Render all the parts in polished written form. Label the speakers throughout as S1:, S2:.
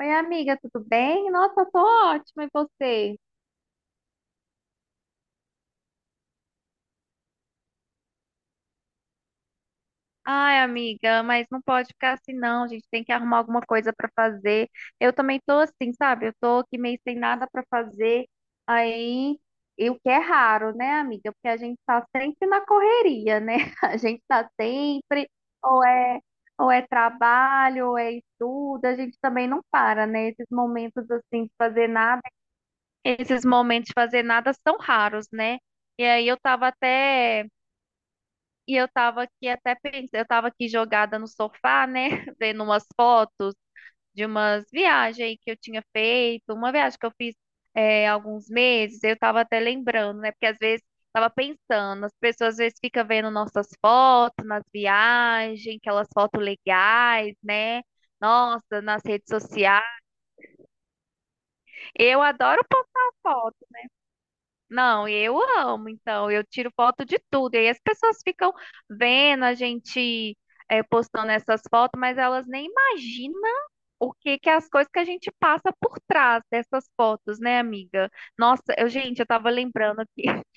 S1: Oi, amiga, tudo bem? Nossa, eu tô ótima, e você? Ai, amiga, mas não pode ficar assim, não. A gente tem que arrumar alguma coisa pra fazer. Eu também tô assim, sabe? Eu tô aqui meio sem nada pra fazer. Aí, e o que é raro, né, amiga? Porque a gente tá sempre na correria, né? A gente tá sempre, ou é, ou é trabalho, ou é estudo, a gente também não para, né? Esses momentos assim de fazer nada. Esses momentos de fazer nada são raros, né? E aí eu tava até, e eu tava aqui até pensando, eu tava aqui jogada no sofá, né, vendo umas fotos de umas viagens aí que eu tinha feito, uma viagem que eu fiz alguns meses, eu tava até lembrando, né, porque às vezes tava pensando, as pessoas às vezes ficam vendo nossas fotos nas viagens, aquelas fotos legais, né? Nossa, nas redes sociais. Eu adoro postar foto. Não, eu amo, então, eu tiro foto de tudo. E aí as pessoas ficam vendo a gente postando essas fotos, mas elas nem imaginam o que que é as coisas que a gente passa por trás dessas fotos, né, amiga? Nossa, eu, gente, eu tava lembrando aqui,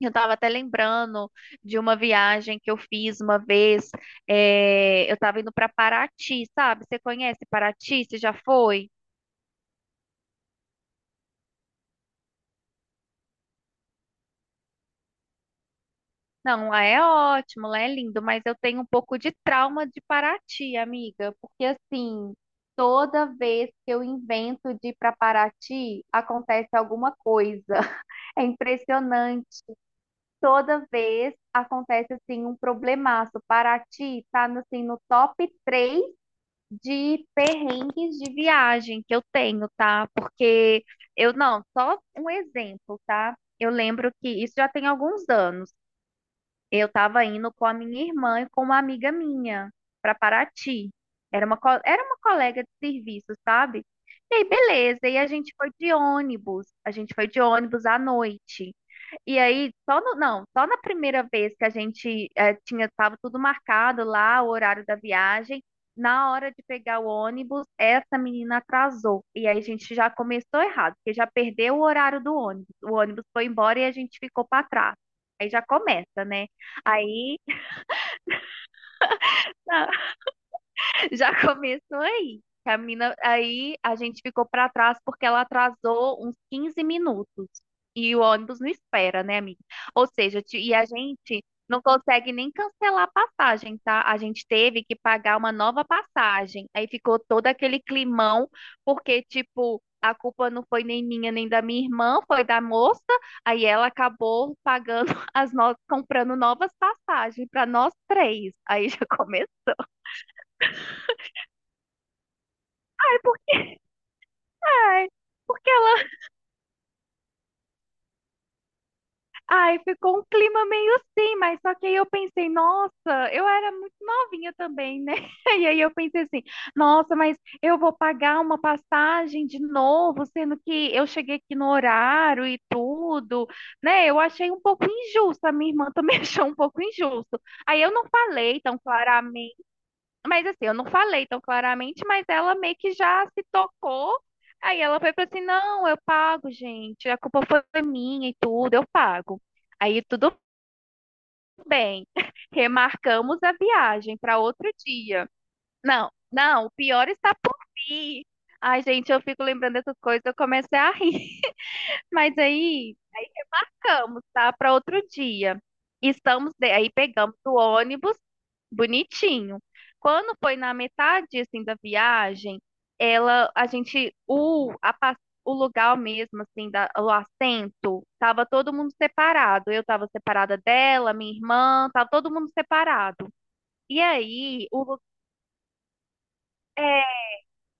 S1: eu tava até lembrando de uma viagem que eu fiz uma vez. Eu tava indo para Paraty, sabe? Você conhece Paraty? Você já foi? Não, lá é ótimo, lá é lindo, mas eu tenho um pouco de trauma de Paraty, amiga, porque assim, toda vez que eu invento de ir para Paraty, acontece alguma coisa. É impressionante. Toda vez acontece assim um problemaço. Paraty tá no, assim, no top 3 de perrengues de viagem que eu tenho, tá? Porque eu não, só um exemplo, tá? Eu lembro que isso já tem alguns anos. Eu estava indo com a minha irmã e com uma amiga minha para Paraty. Era uma colega de serviço, sabe? E aí, beleza. E a gente foi de ônibus. A gente foi de ônibus à noite. E aí, só no, não, só na primeira vez que a gente estava tudo marcado lá, o horário da viagem, na hora de pegar o ônibus, essa menina atrasou. E aí a gente já começou errado, porque já perdeu o horário do ônibus. O ônibus foi embora e a gente ficou para trás. Aí já começa, né? Aí, Já começou aí. Aí a gente ficou pra trás porque ela atrasou uns 15 minutos. E o ônibus não espera, né, amiga? Ou seja, e a gente não consegue nem cancelar a passagem, tá? A gente teve que pagar uma nova passagem. Aí ficou todo aquele climão, porque, tipo, a culpa não foi nem minha nem da minha irmã, foi da moça. Aí ela acabou pagando as novas, comprando novas passagens pra nós três. Aí já começou. Porque Ai, ficou um clima meio assim, mas só que aí eu pensei, nossa, eu era muito novinha também, né? E aí eu pensei assim, nossa, mas eu vou pagar uma passagem de novo, sendo que eu cheguei aqui no horário e tudo, né? Eu achei um pouco injusto, a minha irmã também achou um pouco injusto. Aí eu não falei tão claramente. Mas assim, eu não falei tão claramente, mas ela meio que já se tocou. Aí ela foi para assim: "Não, eu pago, gente. A culpa foi minha e tudo, eu pago". Aí tudo bem. Remarcamos a viagem para outro dia. Não, não, o pior está por vir. Ai, gente, eu fico lembrando dessas coisas, eu comecei a rir. Mas aí ficamos, tá? Para outro dia. Aí pegamos o ônibus bonitinho. Quando foi na metade assim da viagem, ela, a gente, o, a pas- o lugar mesmo assim o assento, tava todo mundo separado. Eu tava separada dela, minha irmã, tava todo mundo separado. E aí, é,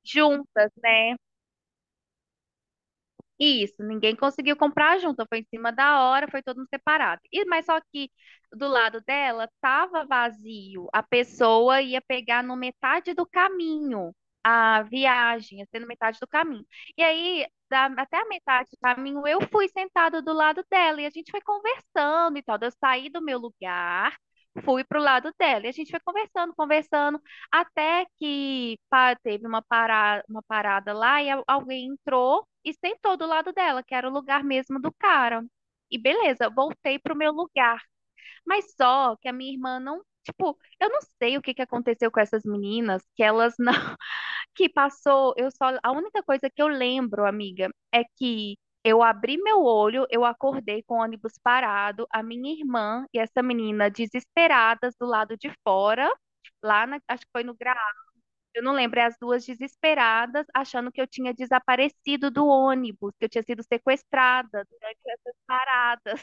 S1: juntas, né? Isso, ninguém conseguiu comprar junto, foi em cima da hora, foi todo mundo separado. E, mas só que do lado dela tava vazio, a pessoa ia pegar no metade do caminho a viagem, ia ser no metade do caminho. E aí, até a metade do caminho, eu fui sentada do lado dela e a gente foi conversando e tal. Daí eu saí do meu lugar, fui pro lado dela e a gente foi conversando, conversando. Até que pá, teve uma parada lá e alguém entrou e sentou do lado dela, que era o lugar mesmo do cara. E beleza, voltei pro meu lugar. Mas só que a minha irmã não, tipo, eu não sei o que que aconteceu com essas meninas, que elas não, que passou, eu só, a única coisa que eu lembro, amiga, é que eu abri meu olho, eu acordei com o ônibus parado, a minha irmã e essa menina desesperadas do lado de fora, lá na, acho que foi no eu não lembro, é as duas desesperadas, achando que eu tinha desaparecido do ônibus, que eu tinha sido sequestrada durante essas paradas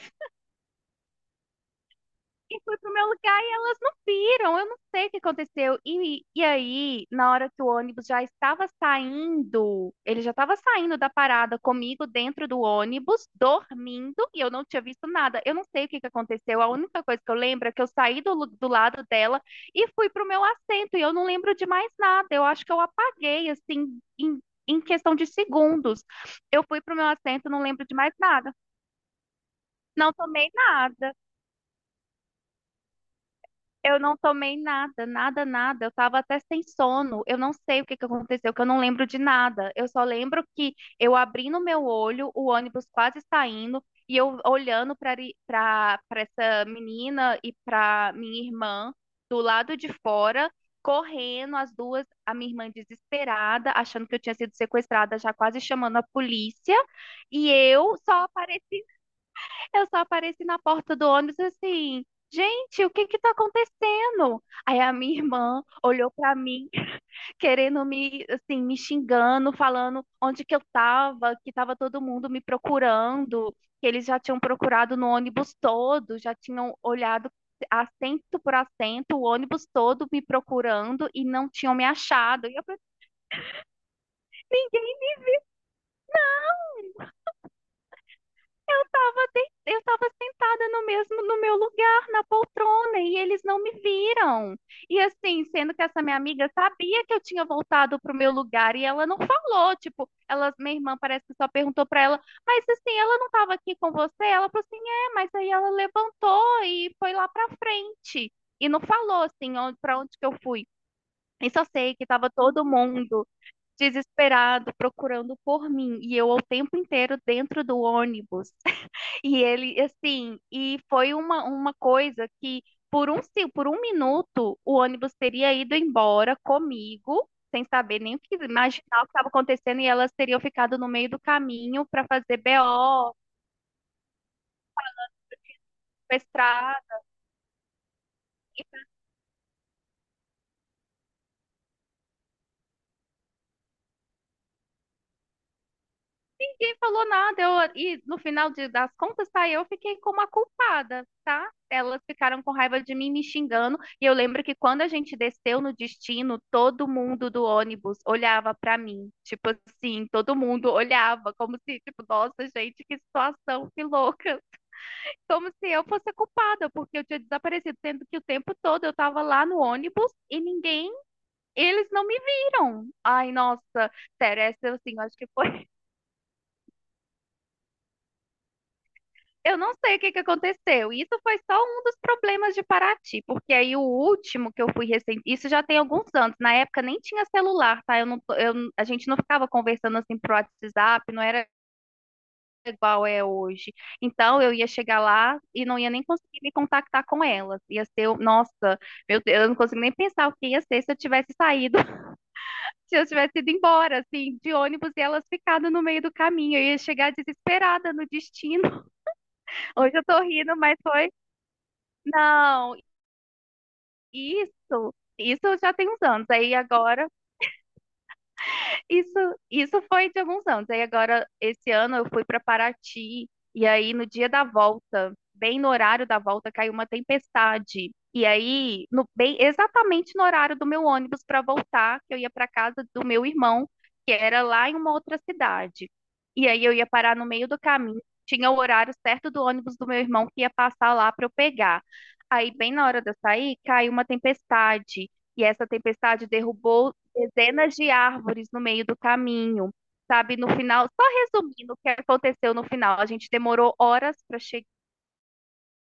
S1: e fui pro meu lugar e elas não viram. Eu não sei o que aconteceu. E aí, na hora que o ônibus já estava saindo, ele já estava saindo da parada comigo dentro do ônibus, dormindo, e eu não tinha visto nada. Eu não sei o que que aconteceu. A única coisa que eu lembro é que eu saí do lado dela e fui pro meu assento, e eu não lembro de mais nada. Eu acho que eu apaguei, assim, em questão de segundos. Eu fui pro meu assento, não lembro de mais nada. Não tomei nada. Eu não tomei nada, nada, nada. Eu tava até sem sono. Eu não sei o que que aconteceu, que eu não lembro de nada. Eu só lembro que eu abri no meu olho, o ônibus quase saindo, e eu olhando para essa menina e para minha irmã do lado de fora, correndo, as duas, a minha irmã desesperada, achando que eu tinha sido sequestrada, já quase chamando a polícia, e eu só apareci na porta do ônibus assim, gente, o que que tá acontecendo? Aí a minha irmã olhou pra mim, querendo me, assim, me xingando, falando onde que eu tava, que tava todo mundo me procurando, que eles já tinham procurado no ônibus todo, já tinham olhado assento por assento, o ônibus todo me procurando e não tinham me achado. E eu falei, ninguém eu estava sentada no meu lugar, na poltrona, e eles não me viram. E assim, sendo que essa minha amiga sabia que eu tinha voltado pro meu lugar e ela não falou, tipo, ela, minha irmã parece que só perguntou para ela, mas assim, ela não estava aqui com você? Ela falou assim: "É, mas aí ela levantou e foi lá pra frente e não falou assim onde, para onde que eu fui". E só sei que estava todo mundo desesperado procurando por mim e eu o tempo inteiro dentro do ônibus e ele, assim, e foi uma coisa que por um, se- por um minuto o ônibus teria ido embora comigo, sem saber nem o que imaginar o que estava acontecendo, e elas teriam ficado no meio do caminho para fazer BO, pra estrada. Ninguém falou nada. Eu, e no final das contas, tá? Eu fiquei como a culpada, tá? Elas ficaram com raiva de mim me xingando. E eu lembro que quando a gente desceu no destino, todo mundo do ônibus olhava pra mim. Tipo assim, todo mundo olhava, como se, tipo, nossa, gente, que situação, que louca. Como se eu fosse a culpada, porque eu tinha desaparecido, sendo que o tempo todo eu tava lá no ônibus e ninguém, eles não me viram. Ai, nossa, sério, essa assim, eu acho que foi. Eu não sei o que que aconteceu. Isso foi só um dos problemas de Paraty, porque aí o último que eu fui recente, isso já tem alguns anos. Na época nem tinha celular, tá? Eu não, a gente não ficava conversando assim pro WhatsApp, não era igual é hoje. Então eu ia chegar lá e não ia nem conseguir me contactar com elas. Ia ser, nossa, meu Deus, eu não consigo nem pensar o que ia ser se eu tivesse saído, se eu tivesse ido embora, assim, de ônibus e elas ficado no meio do caminho. Eu ia chegar desesperada no destino. Hoje eu tô rindo, mas foi. Não, isso já tem uns anos. Aí agora isso, isso foi de alguns anos. Aí agora, esse ano, eu fui para Paraty, e aí no dia da volta, bem no horário da volta, caiu uma tempestade. E aí, no, bem, exatamente no horário do meu ônibus para voltar, que eu ia para casa do meu irmão, que era lá em uma outra cidade. E aí eu ia parar no meio do caminho, tinha o horário certo do ônibus do meu irmão que ia passar lá para eu pegar. Aí, bem na hora de eu sair, caiu uma tempestade. E essa tempestade derrubou dezenas de árvores no meio do caminho, sabe? No final, só resumindo o que aconteceu no final, a gente demorou horas para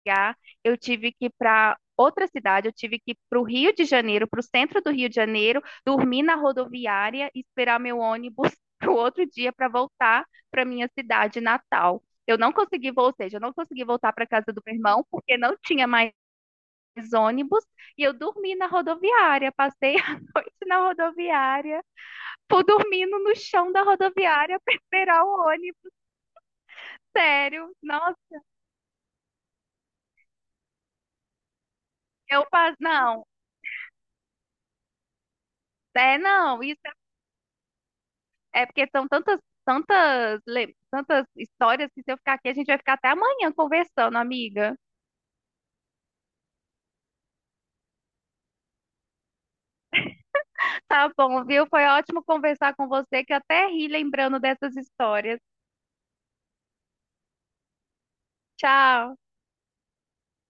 S1: chegar, eu tive que ir para outra cidade, eu tive que ir para o Rio de Janeiro, para o centro do Rio de Janeiro, dormir na rodoviária e esperar meu ônibus para o outro dia para voltar para minha cidade natal. Eu não consegui, ou seja, eu não consegui voltar para casa do meu irmão porque não tinha mais ônibus e eu dormi na rodoviária, passei a noite na rodoviária. Pô, dormindo no chão da rodoviária pra esperar o ônibus, sério. Nossa, eu passo. Não, é não, isso é porque são tantas histórias que se eu ficar aqui, a gente vai ficar até amanhã conversando, amiga. Tá bom, viu? Foi ótimo conversar com você, que eu até ri lembrando dessas histórias. Tchau.